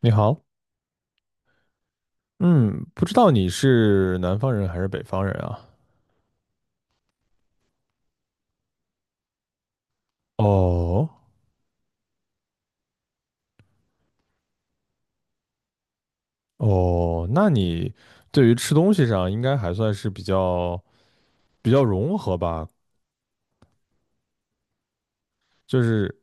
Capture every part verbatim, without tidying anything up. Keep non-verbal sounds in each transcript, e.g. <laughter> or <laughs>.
你好，嗯，不知道你是南方人还是北方人啊？哦哦，那你对于吃东西上应该还算是比较比较融合吧？就是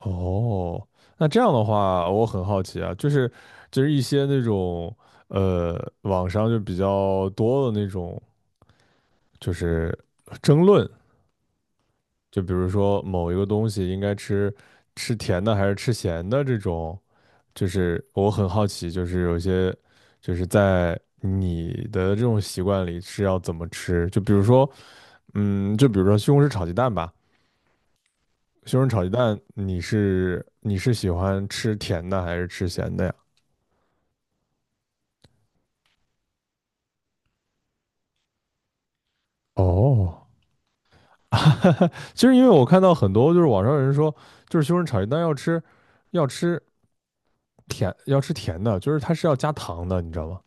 哦，那这样的话，我很好奇啊，就是就是一些那种呃，网上就比较多的那种，就是争论，就比如说某一个东西应该吃吃甜的还是吃咸的这种。就是我很好奇，就是有些就是在你的这种习惯里是要怎么吃？就比如说，嗯，就比如说西红柿炒鸡蛋吧，西红柿炒鸡蛋，你是你是喜欢吃甜的还是吃咸的呀？哦，其实因为我看到很多就是网上有人说，就是西红柿炒鸡蛋要吃要吃甜要吃甜的，就是它是要加糖的，你知道吗？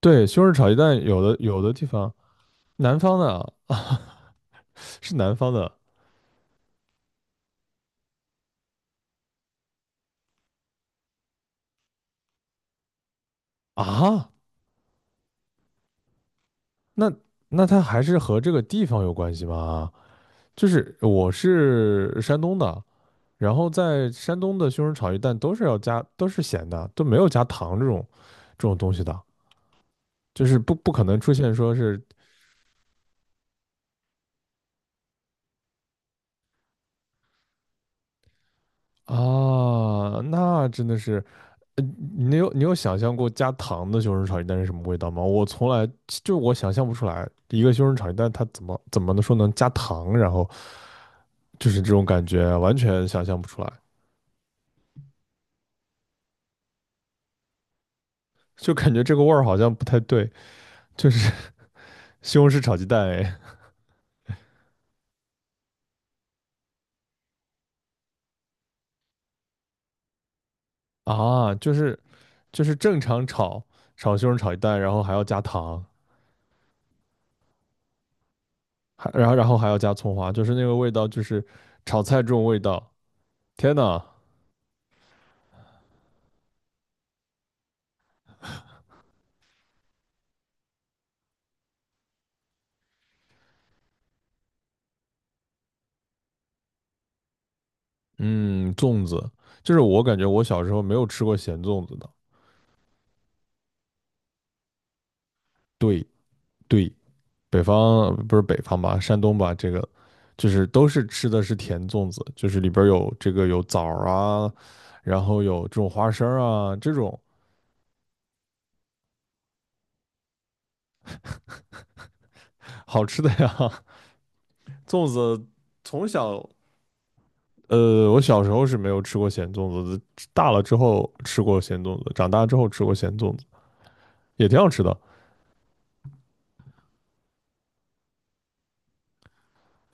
对，西红柿炒鸡蛋有的有的地方南方的啊，是南方的啊。那那它还是和这个地方有关系吗？就是我是山东的，然后在山东的西红柿炒鸡蛋都是要加，都是咸的，都没有加糖这种这种东西的，就是不不可能出现说是啊，那真的是，呃你有你有想象过加糖的西红柿炒鸡蛋是什么味道吗？我从来就我想象不出来，一个西红柿炒鸡蛋它怎么怎么能说能加糖，然后就是这种感觉完全想象不出来，就感觉这个味儿好像不太对。就是 <laughs> 西红柿炒鸡蛋哎啊，就是就是正常炒炒西红柿炒鸡蛋，然后还要加糖，还然后然后还要加葱花，就是那个味道，就是炒菜这种味道。天呐，嗯，粽子，就是我感觉我小时候没有吃过咸粽子的。对对，北方不是北方吧，山东吧，这个就是都是吃的是甜粽子，就是里边有这个有枣啊，然后有这种花生啊，这种 <laughs> 好吃的呀。粽子从小，呃，我小时候是没有吃过咸粽子的，大了之后吃过咸粽子，长大之后吃过咸粽子，也挺好吃的。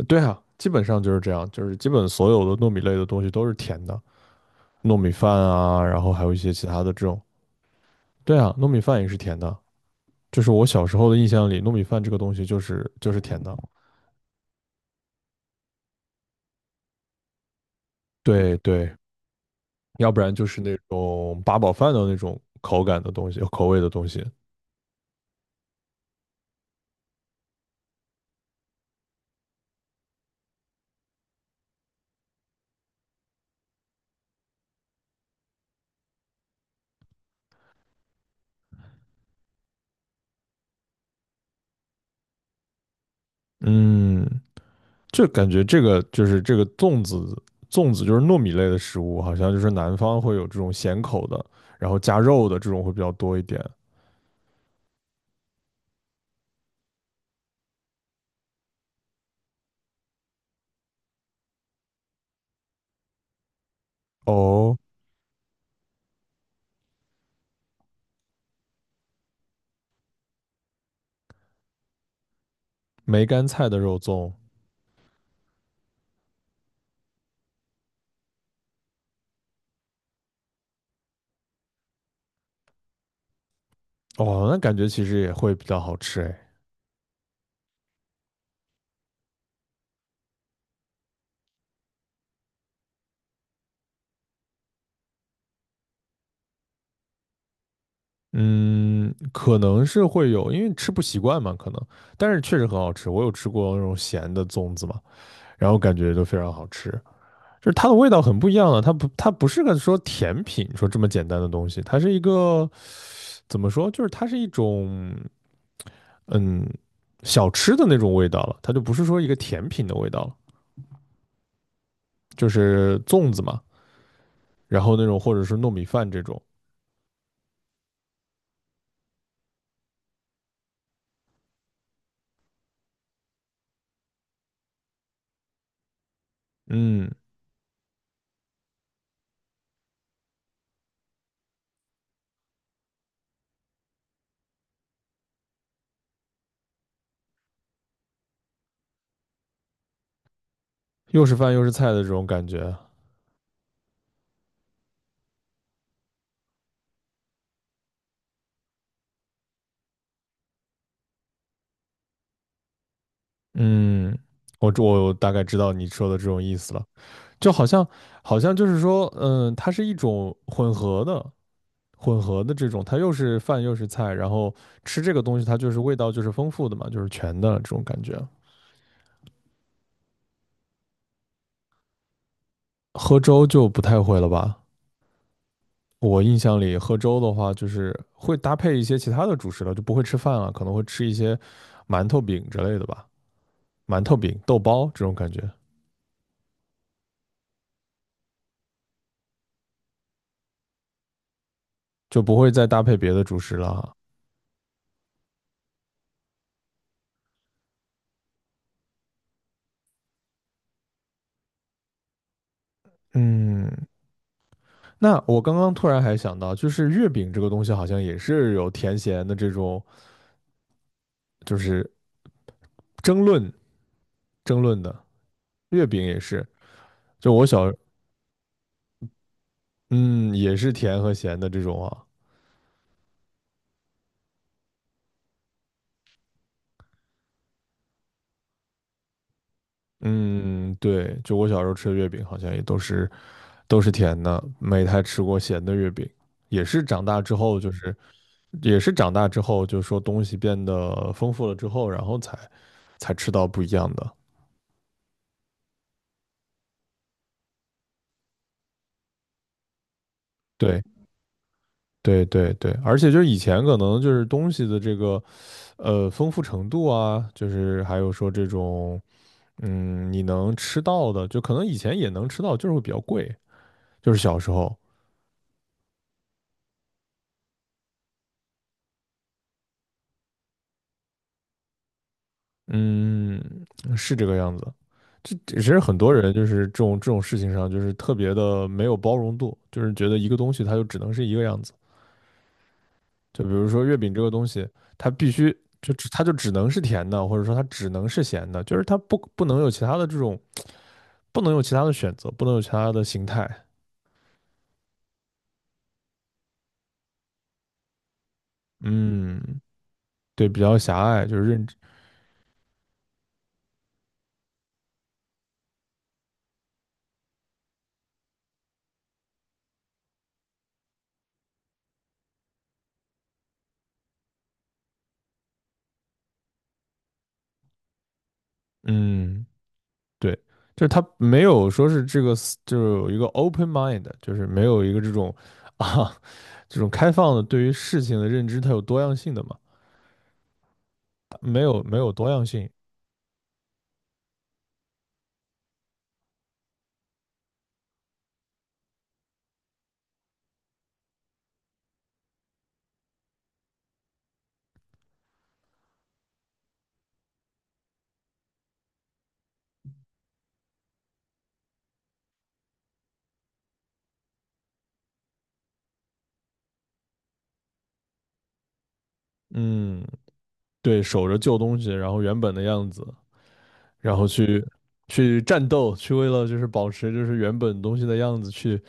对啊，基本上就是这样，就是基本所有的糯米类的东西都是甜的，糯米饭啊，然后还有一些其他的这种。对啊，糯米饭也是甜的，就是我小时候的印象里，糯米饭这个东西就是就是甜的。对对，要不然就是那种八宝饭的那种口感的东西，口味的东西。嗯，就感觉这个就是这个粽子，粽子就是糯米类的食物，好像就是南方会有这种咸口的，然后加肉的这种会比较多一点。哦，梅干菜的肉粽，哦，那感觉其实也会比较好吃哎。嗯，可能是会有，因为吃不习惯嘛，可能，但是确实很好吃。我有吃过那种咸的粽子嘛，然后感觉都非常好吃，就是它的味道很不一样了。它不，它不是个说甜品说这么简单的东西，它是一个怎么说？就是它是一种嗯小吃的那种味道了，它就不是说一个甜品的味道了，就是粽子嘛，然后那种或者是糯米饭这种，嗯，又是饭又是菜的这种感觉，嗯，我我大概知道你说的这种意思了，就好像好像就是说，嗯，它是一种混合的。混合的这种，它又是饭又是菜，然后吃这个东西它就是味道就是丰富的嘛，就是全的这种感觉。喝粥就不太会了吧？我印象里喝粥的话，就是会搭配一些其他的主食了，就不会吃饭了，可能会吃一些馒头饼之类的吧，馒头饼、豆包这种感觉，就不会再搭配别的主食了。嗯，那我刚刚突然还想到，就是月饼这个东西好像也是有甜咸的这种，就是争论争论的，月饼也是，就我小，嗯，也是甜和咸的这种啊。嗯，对，就我小时候吃的月饼好像也都是都是甜的，没太吃过咸的月饼。也是长大之后，就是也是长大之后，就是说东西变得丰富了之后，然后才才吃到不一样的。对，对，对，对，而且就是以前可能就是东西的这个呃丰富程度啊，就是还有说这种嗯你能吃到的，就可能以前也能吃到，就是会比较贵，就是小时候，嗯，是这个样子。这其实很多人就是这种这种事情上，就是特别的没有包容度，就是觉得一个东西它就只能是一个样子。就比如说月饼这个东西，它必须就只它就只能是甜的，或者说它只能是咸的，就是它不不能有其他的这种，不能有其他的选择，不能有其他的形态。嗯，对，比较狭隘，就是认知，嗯，对，就是它没有说是这个，就是有一个 open mind，就是没有一个这种 <laughs> 啊这种开放的对于事情的认知，它有多样性的嘛。没有没有多样性。嗯，对，守着旧东西，然后原本的样子，然后去去战斗，去为了就是保持就是原本东西的样子去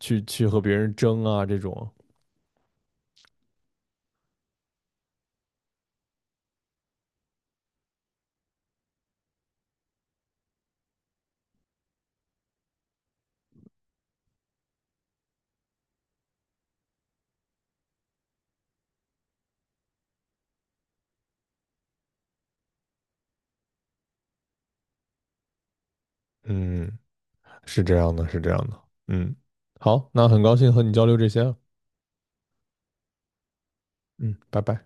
去去和别人争啊这种。嗯，是这样的，是这样的。嗯，好，那很高兴和你交流这些了。嗯，拜拜。